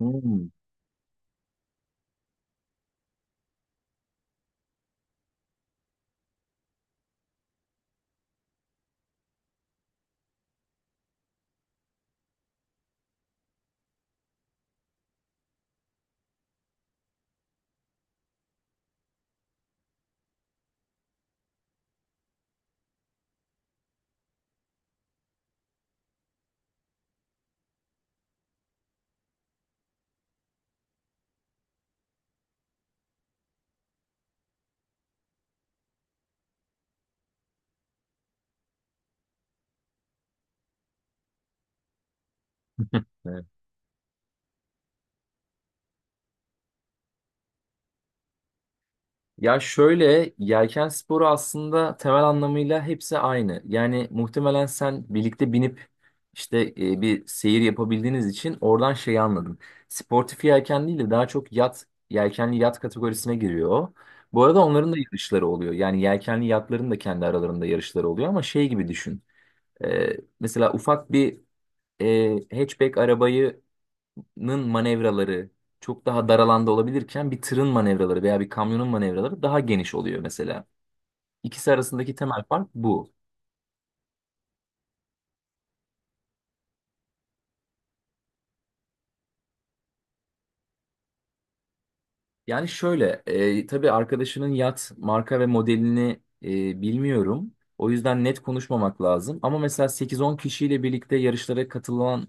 Hmm. Evet. Ya şöyle, yelken sporu aslında temel anlamıyla hepsi aynı. Yani muhtemelen sen birlikte binip işte bir seyir yapabildiğiniz için oradan şeyi anladım. Sportif yelken değil de daha çok yat, yelkenli yat kategorisine giriyor o. Bu arada onların da yarışları oluyor. Yani yelkenli yatların da kendi aralarında yarışları oluyor, ama şey gibi düşün. E, mesela ufak bir hatchback arabayı nın manevraları çok daha dar alanda olabilirken bir tırın manevraları veya bir kamyonun manevraları daha geniş oluyor mesela. İkisi arasındaki temel fark bu. Yani şöyle, tabii arkadaşının yat marka ve modelini bilmiyorum. O yüzden net konuşmamak lazım. Ama mesela 8-10 kişiyle birlikte yarışlara katılan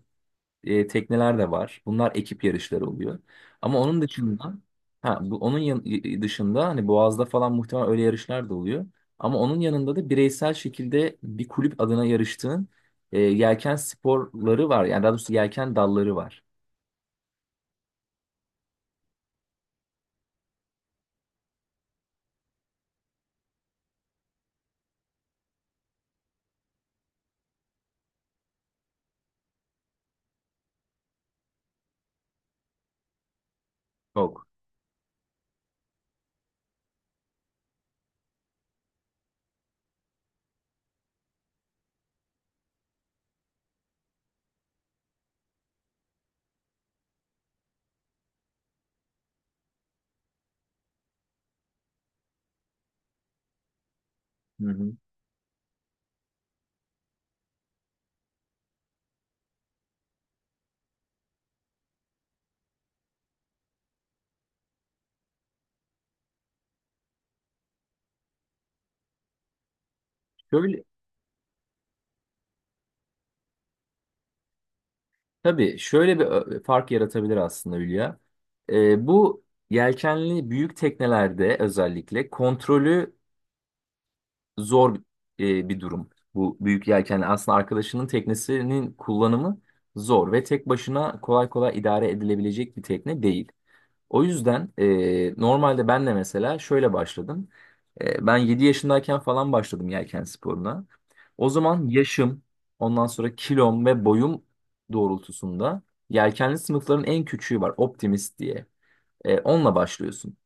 tekneler de var. Bunlar ekip yarışları oluyor. Ama onun dışında, ha bu onun dışında hani Boğaz'da falan muhtemelen öyle yarışlar da oluyor. Ama onun yanında da bireysel şekilde bir kulüp adına yarıştığın yelken sporları var. Yani daha doğrusu yelken dalları var. Çok. Hı hı. Şöyle, tabii şöyle bir fark yaratabilir aslında Hülya. Bu yelkenli büyük teknelerde özellikle kontrolü zor bir durum. Bu büyük yelken aslında arkadaşının teknesinin kullanımı zor ve tek başına kolay kolay idare edilebilecek bir tekne değil. O yüzden normalde ben de mesela şöyle başladım. Ben 7 yaşındayken falan başladım yelken sporuna. O zaman yaşım, ondan sonra kilom ve boyum doğrultusunda yelkenli sınıfların en küçüğü var, Optimist diye. Onunla başlıyorsun.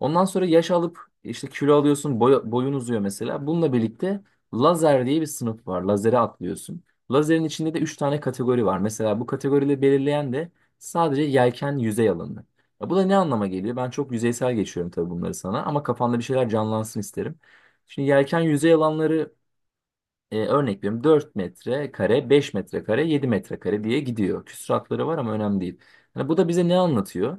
Ondan sonra yaş alıp işte kilo alıyorsun, boyun uzuyor mesela. Bununla birlikte lazer diye bir sınıf var. Lazere atlıyorsun. Lazerin içinde de 3 tane kategori var. Mesela bu kategorileri belirleyen de sadece yelken yüzey alanı. Ya bu da ne anlama geliyor? Ben çok yüzeysel geçiyorum tabii bunları sana, ama kafanda bir şeyler canlansın isterim. Şimdi yelken yüzey alanları örnek veriyorum 4 metrekare, 5 metrekare, 7 metrekare diye gidiyor. Küsuratları var ama önemli değil. Yani bu da bize ne anlatıyor?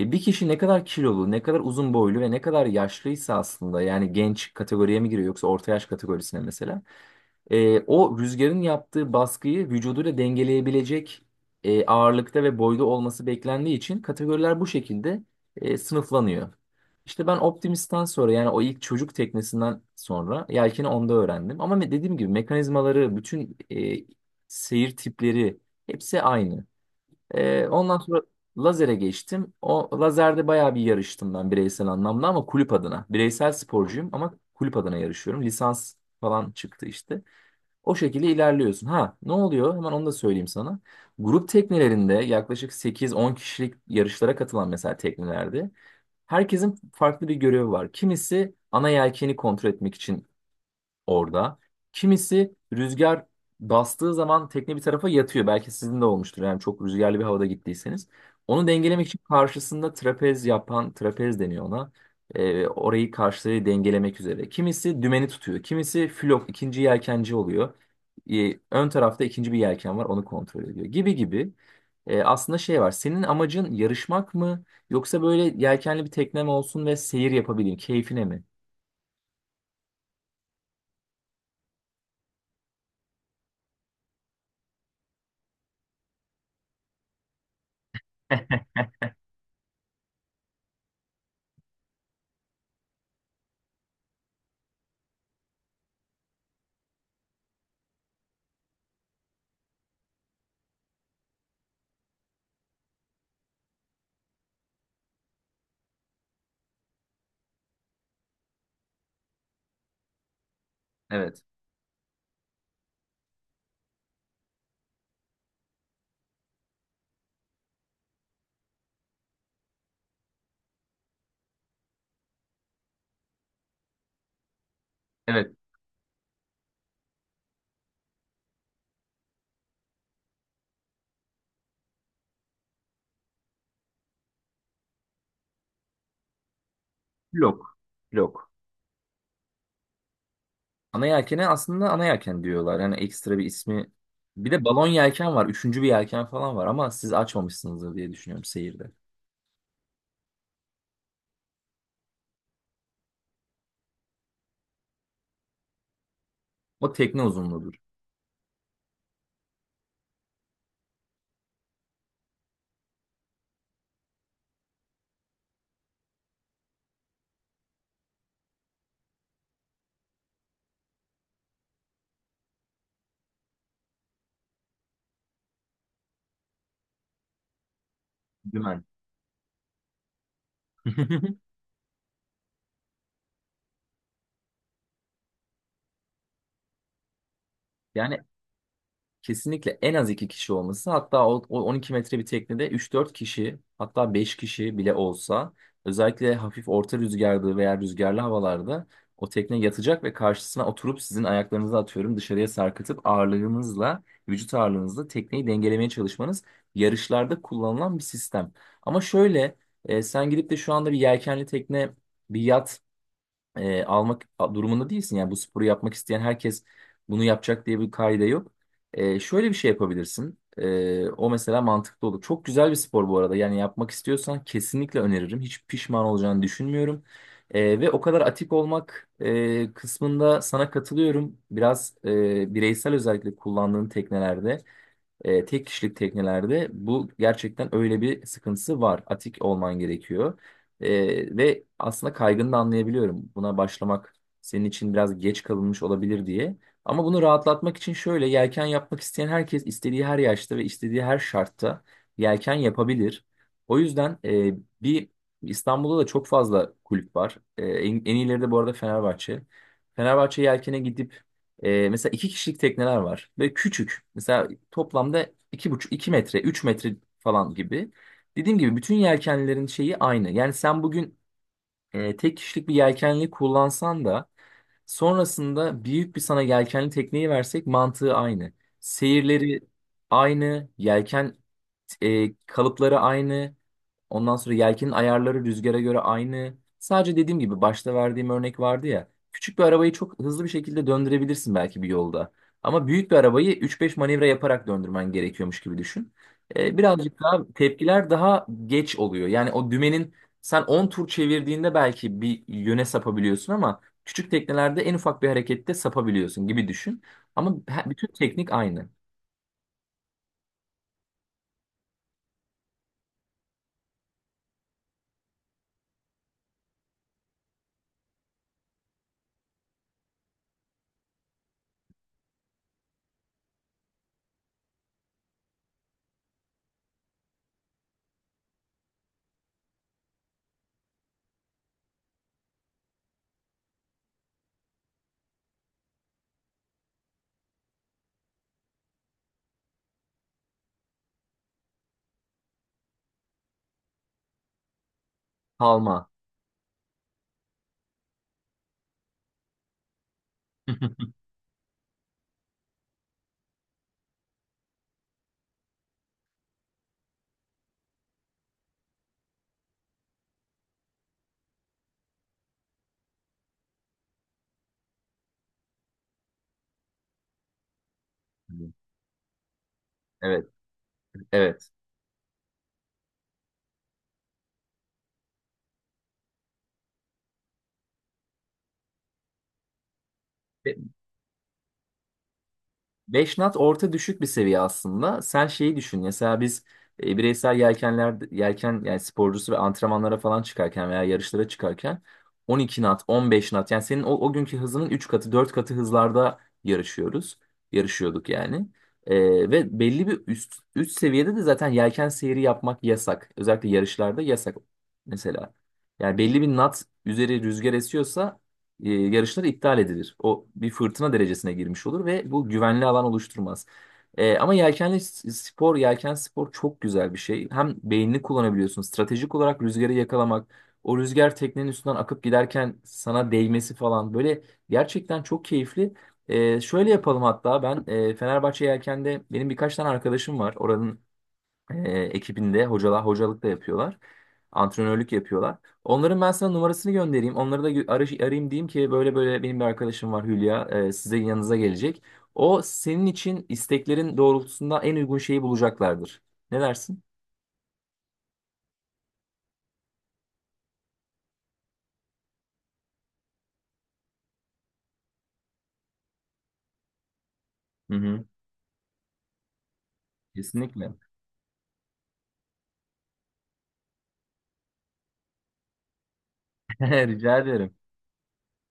Bir kişi ne kadar kilolu, ne kadar uzun boylu ve ne kadar yaşlıysa, aslında yani genç kategoriye mi giriyor yoksa orta yaş kategorisine mesela, o rüzgarın yaptığı baskıyı vücuduyla dengeleyebilecek ağırlıkta ve boyda olması beklendiği için kategoriler bu şekilde sınıflanıyor. İşte ben Optimist'ten sonra, yani o ilk çocuk teknesinden sonra, yelkeni onda öğrendim. Ama dediğim gibi mekanizmaları, bütün seyir tipleri hepsi aynı. Ondan sonra lazere geçtim. O lazerde bayağı bir yarıştım ben, bireysel anlamda ama kulüp adına. Bireysel sporcuyum ama kulüp adına yarışıyorum. Lisans falan çıktı işte. O şekilde ilerliyorsun. Ha, ne oluyor? Hemen onu da söyleyeyim sana. Grup teknelerinde yaklaşık 8-10 kişilik yarışlara katılan mesela teknelerde herkesin farklı bir görevi var. Kimisi ana yelkeni kontrol etmek için orada. Kimisi, rüzgar bastığı zaman tekne bir tarafa yatıyor. Belki sizin de olmuştur. Yani çok rüzgarlı bir havada gittiyseniz. Onu dengelemek için karşısında trapez yapan, trapez deniyor ona. Orayı karşıya dengelemek üzere. Kimisi dümeni tutuyor. Kimisi flok, ikinci yelkenci oluyor. Ön tarafta ikinci bir yelken var, onu kontrol ediyor. Gibi gibi. Aslında şey var. Senin amacın yarışmak mı? Yoksa böyle yelkenli bir teknem olsun ve seyir yapabileyim, keyfine mi? Evet. Evet. Lok. Lok. Ana yelkene aslında ana yelken diyorlar. Yani ekstra bir ismi. Bir de balon yelken var. Üçüncü bir yelken falan var ama siz açmamışsınızdır diye düşünüyorum seyirde. O tekne uzunluğudur. Dümen. Yani kesinlikle en az iki kişi olması, hatta o 12 metre bir teknede üç dört kişi, hatta 5 kişi bile olsa, özellikle hafif orta rüzgarlı veya rüzgarlı havalarda, o tekne yatacak ve karşısına oturup sizin ayaklarınızı, atıyorum, dışarıya sarkıtıp ağırlığınızla, vücut ağırlığınızla tekneyi dengelemeye çalışmanız yarışlarda kullanılan bir sistem. Ama şöyle, sen gidip de şu anda bir yelkenli tekne, bir yat almak durumunda değilsin. Yani bu sporu yapmak isteyen herkes bunu yapacak diye bir kaide yok. Şöyle bir şey yapabilirsin. O mesela mantıklı olur. Çok güzel bir spor bu arada. Yani yapmak istiyorsan kesinlikle öneririm. Hiç pişman olacağını düşünmüyorum. Ve o kadar atik olmak kısmında sana katılıyorum. Biraz bireysel, özellikle kullandığın teknelerde, tek kişilik teknelerde bu gerçekten öyle bir sıkıntısı var. Atik olman gerekiyor. Ve aslında kaygını da anlayabiliyorum. Buna başlamak senin için biraz geç kalınmış olabilir diye. Ama bunu rahatlatmak için, şöyle, yelken yapmak isteyen herkes istediği her yaşta ve istediği her şartta yelken yapabilir. O yüzden e, bir İstanbul'da da çok fazla kulüp var. En iyileri de bu arada Fenerbahçe. Fenerbahçe yelkene gidip mesela iki kişilik tekneler var ve küçük. Mesela toplamda iki buçuk, 2 metre, 3 metre falan gibi. Dediğim gibi bütün yelkenlerin şeyi aynı. Yani sen bugün tek kişilik bir yelkenli kullansan da sonrasında büyük bir sana yelkenli tekneyi versek mantığı aynı. Seyirleri aynı, yelken kalıpları aynı. Ondan sonra yelkenin ayarları rüzgara göre aynı. Sadece dediğim gibi başta verdiğim örnek vardı ya. Küçük bir arabayı çok hızlı bir şekilde döndürebilirsin belki bir yolda. Ama büyük bir arabayı 3-5 manevra yaparak döndürmen gerekiyormuş gibi düşün. Birazcık daha tepkiler daha geç oluyor. Yani o dümenin sen 10 tur çevirdiğinde belki bir yöne sapabiliyorsun ama küçük teknelerde en ufak bir harekette sapabiliyorsun gibi düşün. Ama bütün teknik aynı. Kalma. Evet, evet. 5 knot orta düşük bir seviye aslında. Sen şeyi düşün. Mesela biz bireysel yelkenler yelken yani sporcusu ve antrenmanlara falan çıkarken veya yarışlara çıkarken 12 on beş knot, yani senin o günkü hızının 3 katı, 4 katı hızlarda yarışıyoruz. Yarışıyorduk yani. E, ve belli bir üst seviyede de zaten yelken seyri yapmak yasak. Özellikle yarışlarda yasak mesela. Yani belli bir knot üzeri rüzgar esiyorsa yarışlar iptal edilir. O bir fırtına derecesine girmiş olur ve bu güvenli alan oluşturmaz. Ama yelkenli spor, yelken spor çok güzel bir şey. Hem beynini kullanabiliyorsun. Stratejik olarak rüzgarı yakalamak, o rüzgar teknenin üstünden akıp giderken sana değmesi falan, böyle gerçekten çok keyifli. Şöyle yapalım, hatta ben Fenerbahçe Yelken'de benim birkaç tane arkadaşım var. Oranın ekibinde hocalar hocalık da yapıyorlar. Antrenörlük yapıyorlar. Onların ben sana numarasını göndereyim. Onları da arayayım, diyeyim ki böyle böyle benim bir arkadaşım var Hülya size, yanınıza gelecek. O senin için isteklerin doğrultusunda en uygun şeyi bulacaklardır. Ne dersin? Hı hı. Kesinlikle. Rica ederim.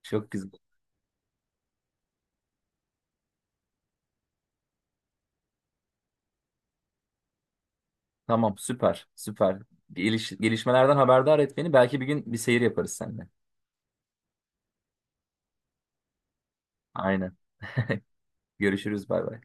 Çok güzel. Tamam, süper süper. Gelişmelerden haberdar et beni. Belki bir gün bir seyir yaparız seninle. Aynen. Görüşürüz, bay bay.